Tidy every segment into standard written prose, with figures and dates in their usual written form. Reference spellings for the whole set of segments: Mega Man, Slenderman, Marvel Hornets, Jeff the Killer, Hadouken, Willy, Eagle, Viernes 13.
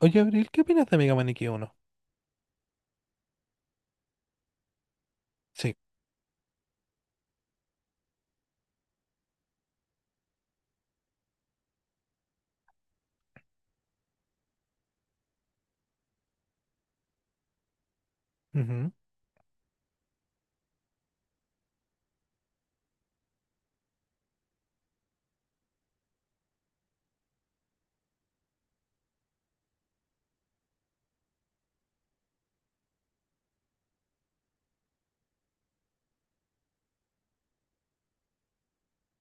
Oye, Abril, ¿qué opinas de Mega Man X1? Sí. Ujú.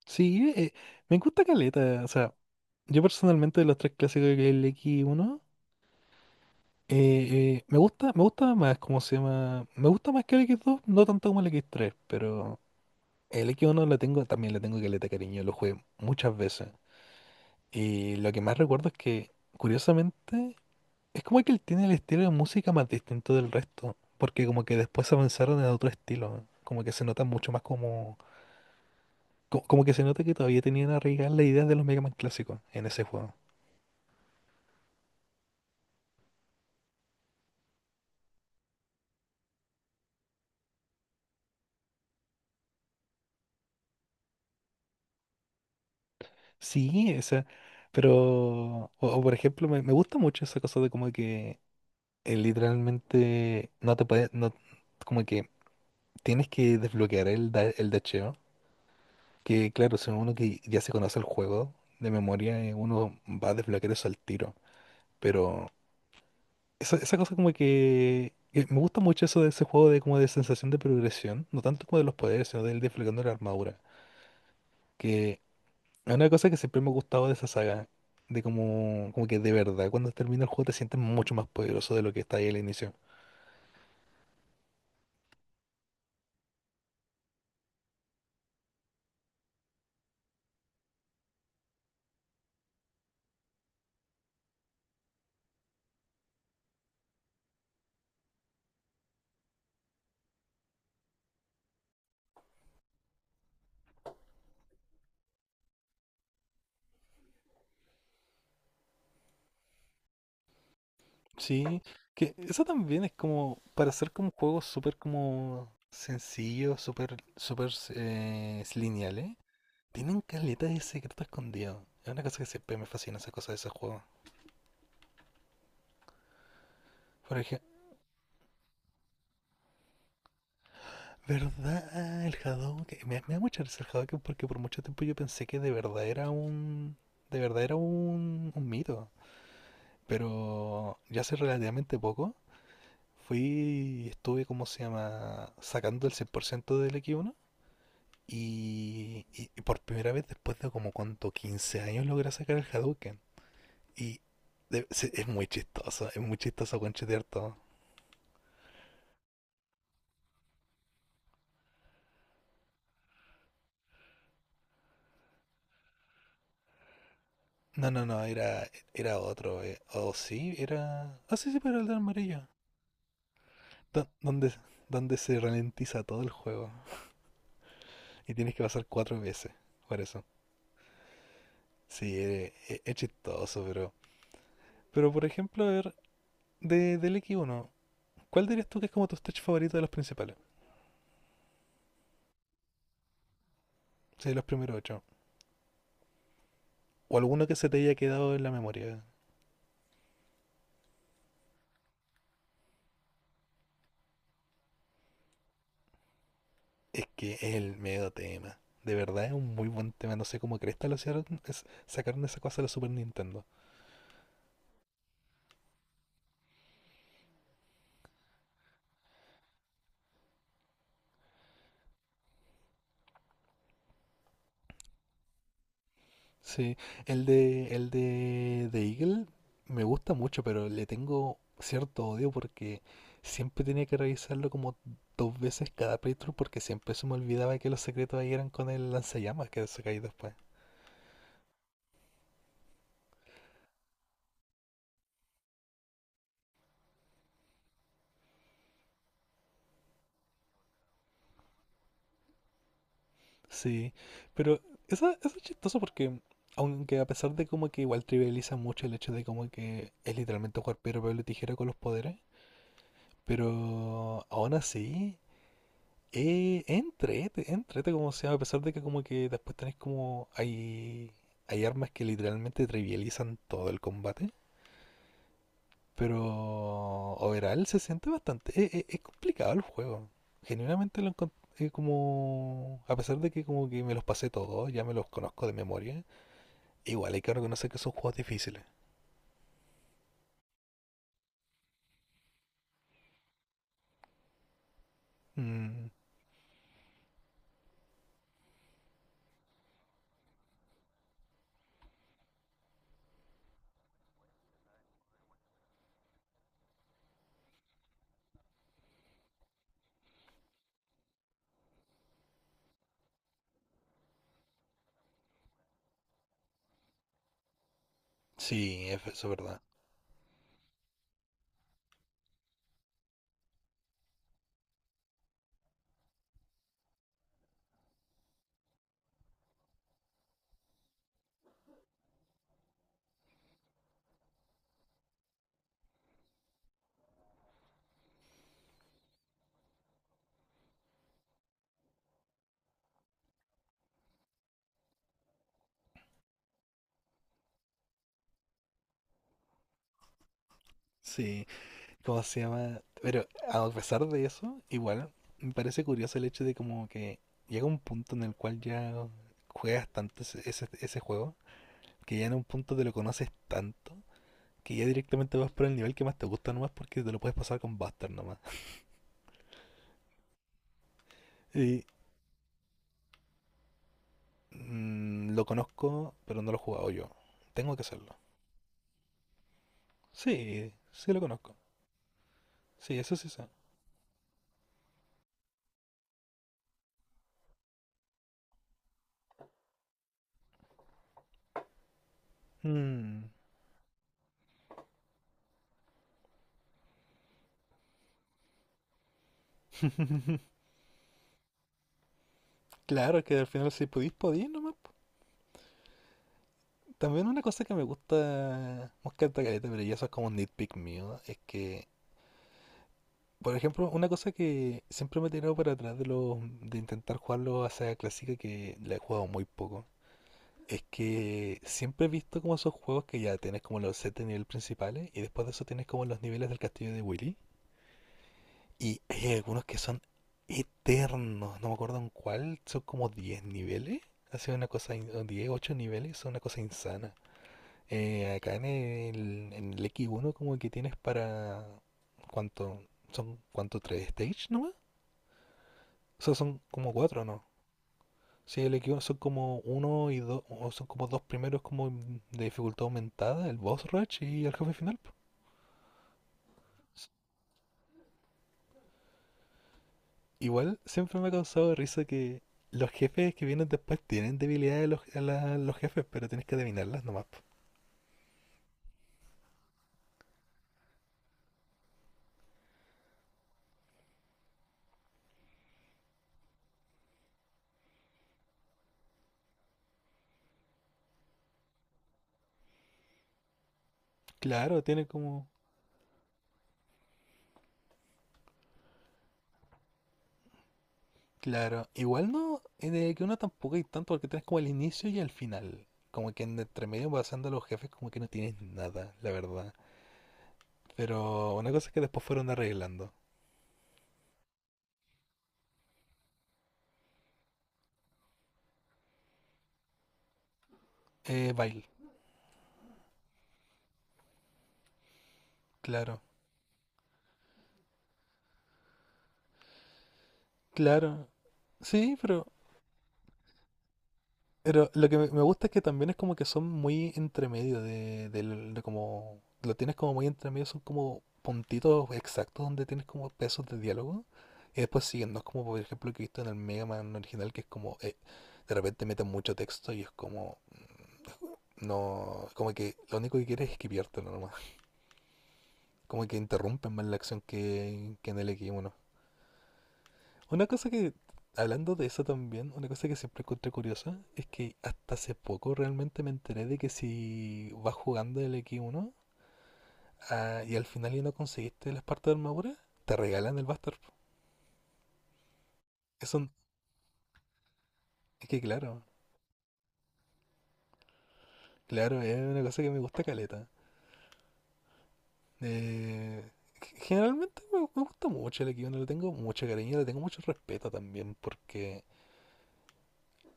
Sí, me gusta caleta. O sea, yo personalmente de los tres clásicos del X1, eh, me gusta más, ¿cómo se llama? Me gusta más que el X2, no tanto como el X3, pero el X1 lo tengo, también le tengo caleta, cariño, lo jugué muchas veces. Y lo que más recuerdo es que, curiosamente, es como que él tiene el estilo de música más distinto del resto, porque como que después avanzaron en otro estilo, como que se nota mucho más como como que se nota que todavía tenían arraigadas las ideas de los Mega Man clásicos en ese juego. Sí, o sea, pero, o por ejemplo, me gusta mucho esa cosa de como que literalmente no te puedes, no, como que tienes que desbloquear el dasheo, que claro, si uno que ya se conoce el juego de memoria, uno va a desbloquear eso al tiro, pero esa cosa como que me gusta mucho eso de ese juego de como de sensación de progresión, no tanto como de los poderes, sino del desbloqueando la armadura. Que Es una cosa que siempre me ha gustado de esa saga, de como que de verdad, cuando termina el juego te sientes mucho más poderoso de lo que está ahí al inicio. Sí, que eso también es como para hacer como juegos súper como sencillos, súper súper lineales. Tienen caleta de secreto escondido. Es una cosa que siempre me fascina esa cosa de ese juego. Por ejemplo, ¿verdad? El Hadouken. Me da mucha risa el Hadouken porque por mucho tiempo yo pensé que de verdad era un mito. Pero ya hace relativamente poco fui y estuve, ¿cómo se llama? Sacando el 100% del X1. Y por primera vez, después de como cuánto, 15 años, logré sacar el Hadouken. Y es muy chistoso conchetear todo. No, no, no, era otro. O sí, era. Ah, sí, sí, pero el de amarillo. Do- Donde, donde se ralentiza todo el juego. Y tienes que pasar cuatro veces. Por eso. Sí, es chistoso, pero. Pero por ejemplo, a ver, del X1, ¿cuál dirías tú que es como tu stage favorito de los principales? Sí, de los primeros ocho. O alguno que se te haya quedado en la memoria. Es que es el medio tema. De verdad es un muy buen tema. No sé cómo cresta lo hicieron. Sacaron esa cosa de la Super Nintendo. Sí, de Eagle me gusta mucho, pero le tengo cierto odio porque siempre tenía que revisarlo como dos veces cada playthrough porque siempre se me olvidaba que los secretos ahí eran con el lanzallamas que sacáis después. Sí, pero eso es chistoso porque, aunque a pesar de como que igual trivializa mucho el hecho de como que es literalmente jugar piedra, papel y tijera con los poderes, pero aún así, entrete como sea, a pesar de que como que después tenés como, hay armas que literalmente trivializan todo el combate, pero overall se siente bastante, es complicado el juego, genuinamente lo encontré como, a pesar de que como que me los pasé todos, ya me los conozco de memoria. Igual hay que reconocer que son juegos difíciles. Mm. Sí, eso es verdad. Sí, ¿cómo se llama? Pero a pesar de eso, igual me parece curioso el hecho de como que llega un punto en el cual ya juegas tanto ese juego, que ya en un punto te lo conoces tanto, que ya directamente vas por el nivel que más te gusta nomás porque te lo puedes pasar con Buster nomás. Y lo conozco, pero no lo he jugado yo. Tengo que hacerlo. Sí, sí lo conozco. Sí, eso sí sé. Mm. Claro, que al final si pudís, podís nomás, po. También una cosa que me gusta, me encanta caleta, pero ya eso es como un nitpick mío, es que, por ejemplo, una cosa que siempre me he tirado para atrás de intentar jugarlo a Saga Clásica, que la he jugado muy poco, es que siempre he visto como esos juegos que ya tienes como los sets de nivel principales y después de eso tienes como los niveles del castillo de Willy. Y hay algunos que son eternos, no me acuerdo en cuál, son como 10 niveles. Ha sido una cosa, o 10, 8 niveles, son una cosa insana. Acá en el X1 como que tienes para. ¿Cuánto? ¿Son cuánto? ¿Tres stage nomás? O sea, son como cuatro, ¿no? Sí, el X1 son como uno y dos, o son como dos primeros como de dificultad aumentada, el boss rush y el jefe final, po. S- Igual siempre me ha causado risa que los jefes que vienen después tienen debilidades a los, los jefes, pero tienes que adivinarlas nomás, po. Claro, tiene como. Claro, igual no, de que uno tampoco hay tanto porque tienes como el inicio y el final. Como que en entre medio pasando a los jefes como que no tienes nada, la verdad. Pero una cosa es que después fueron arreglando. Bail, claro. Claro. Sí, pero lo que me gusta es que también es como que son muy entre medio de como. Lo tienes como muy entre medio, son como puntitos exactos donde tienes como pesos de diálogo. Y después siguen, no es como por ejemplo que he visto en el Mega Man original que es como de repente meten mucho texto y es como. No. Como que lo único que quieres es esquivártelo nomás. Como que interrumpen más la acción que en el X1. Una cosa que, hablando de eso también, una cosa que siempre encontré curiosa es que hasta hace poco realmente me enteré de que si vas jugando el X1, y al final ya no conseguiste las partes de armadura, te regalan el Buster, po. Eso n- es que claro, claro, es una cosa que me gusta caleta. Eh, generalmente me gusta mucho el X1, le tengo mucho cariño, le tengo mucho respeto también porque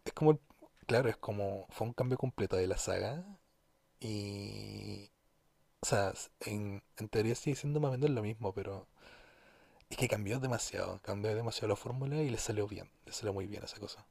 es como, claro, es como, fue un cambio completo de la saga y o sea, en teoría sigue siendo más o menos lo mismo, pero es que cambió demasiado. Cambió demasiado la fórmula y le salió bien. Le salió muy bien esa cosa.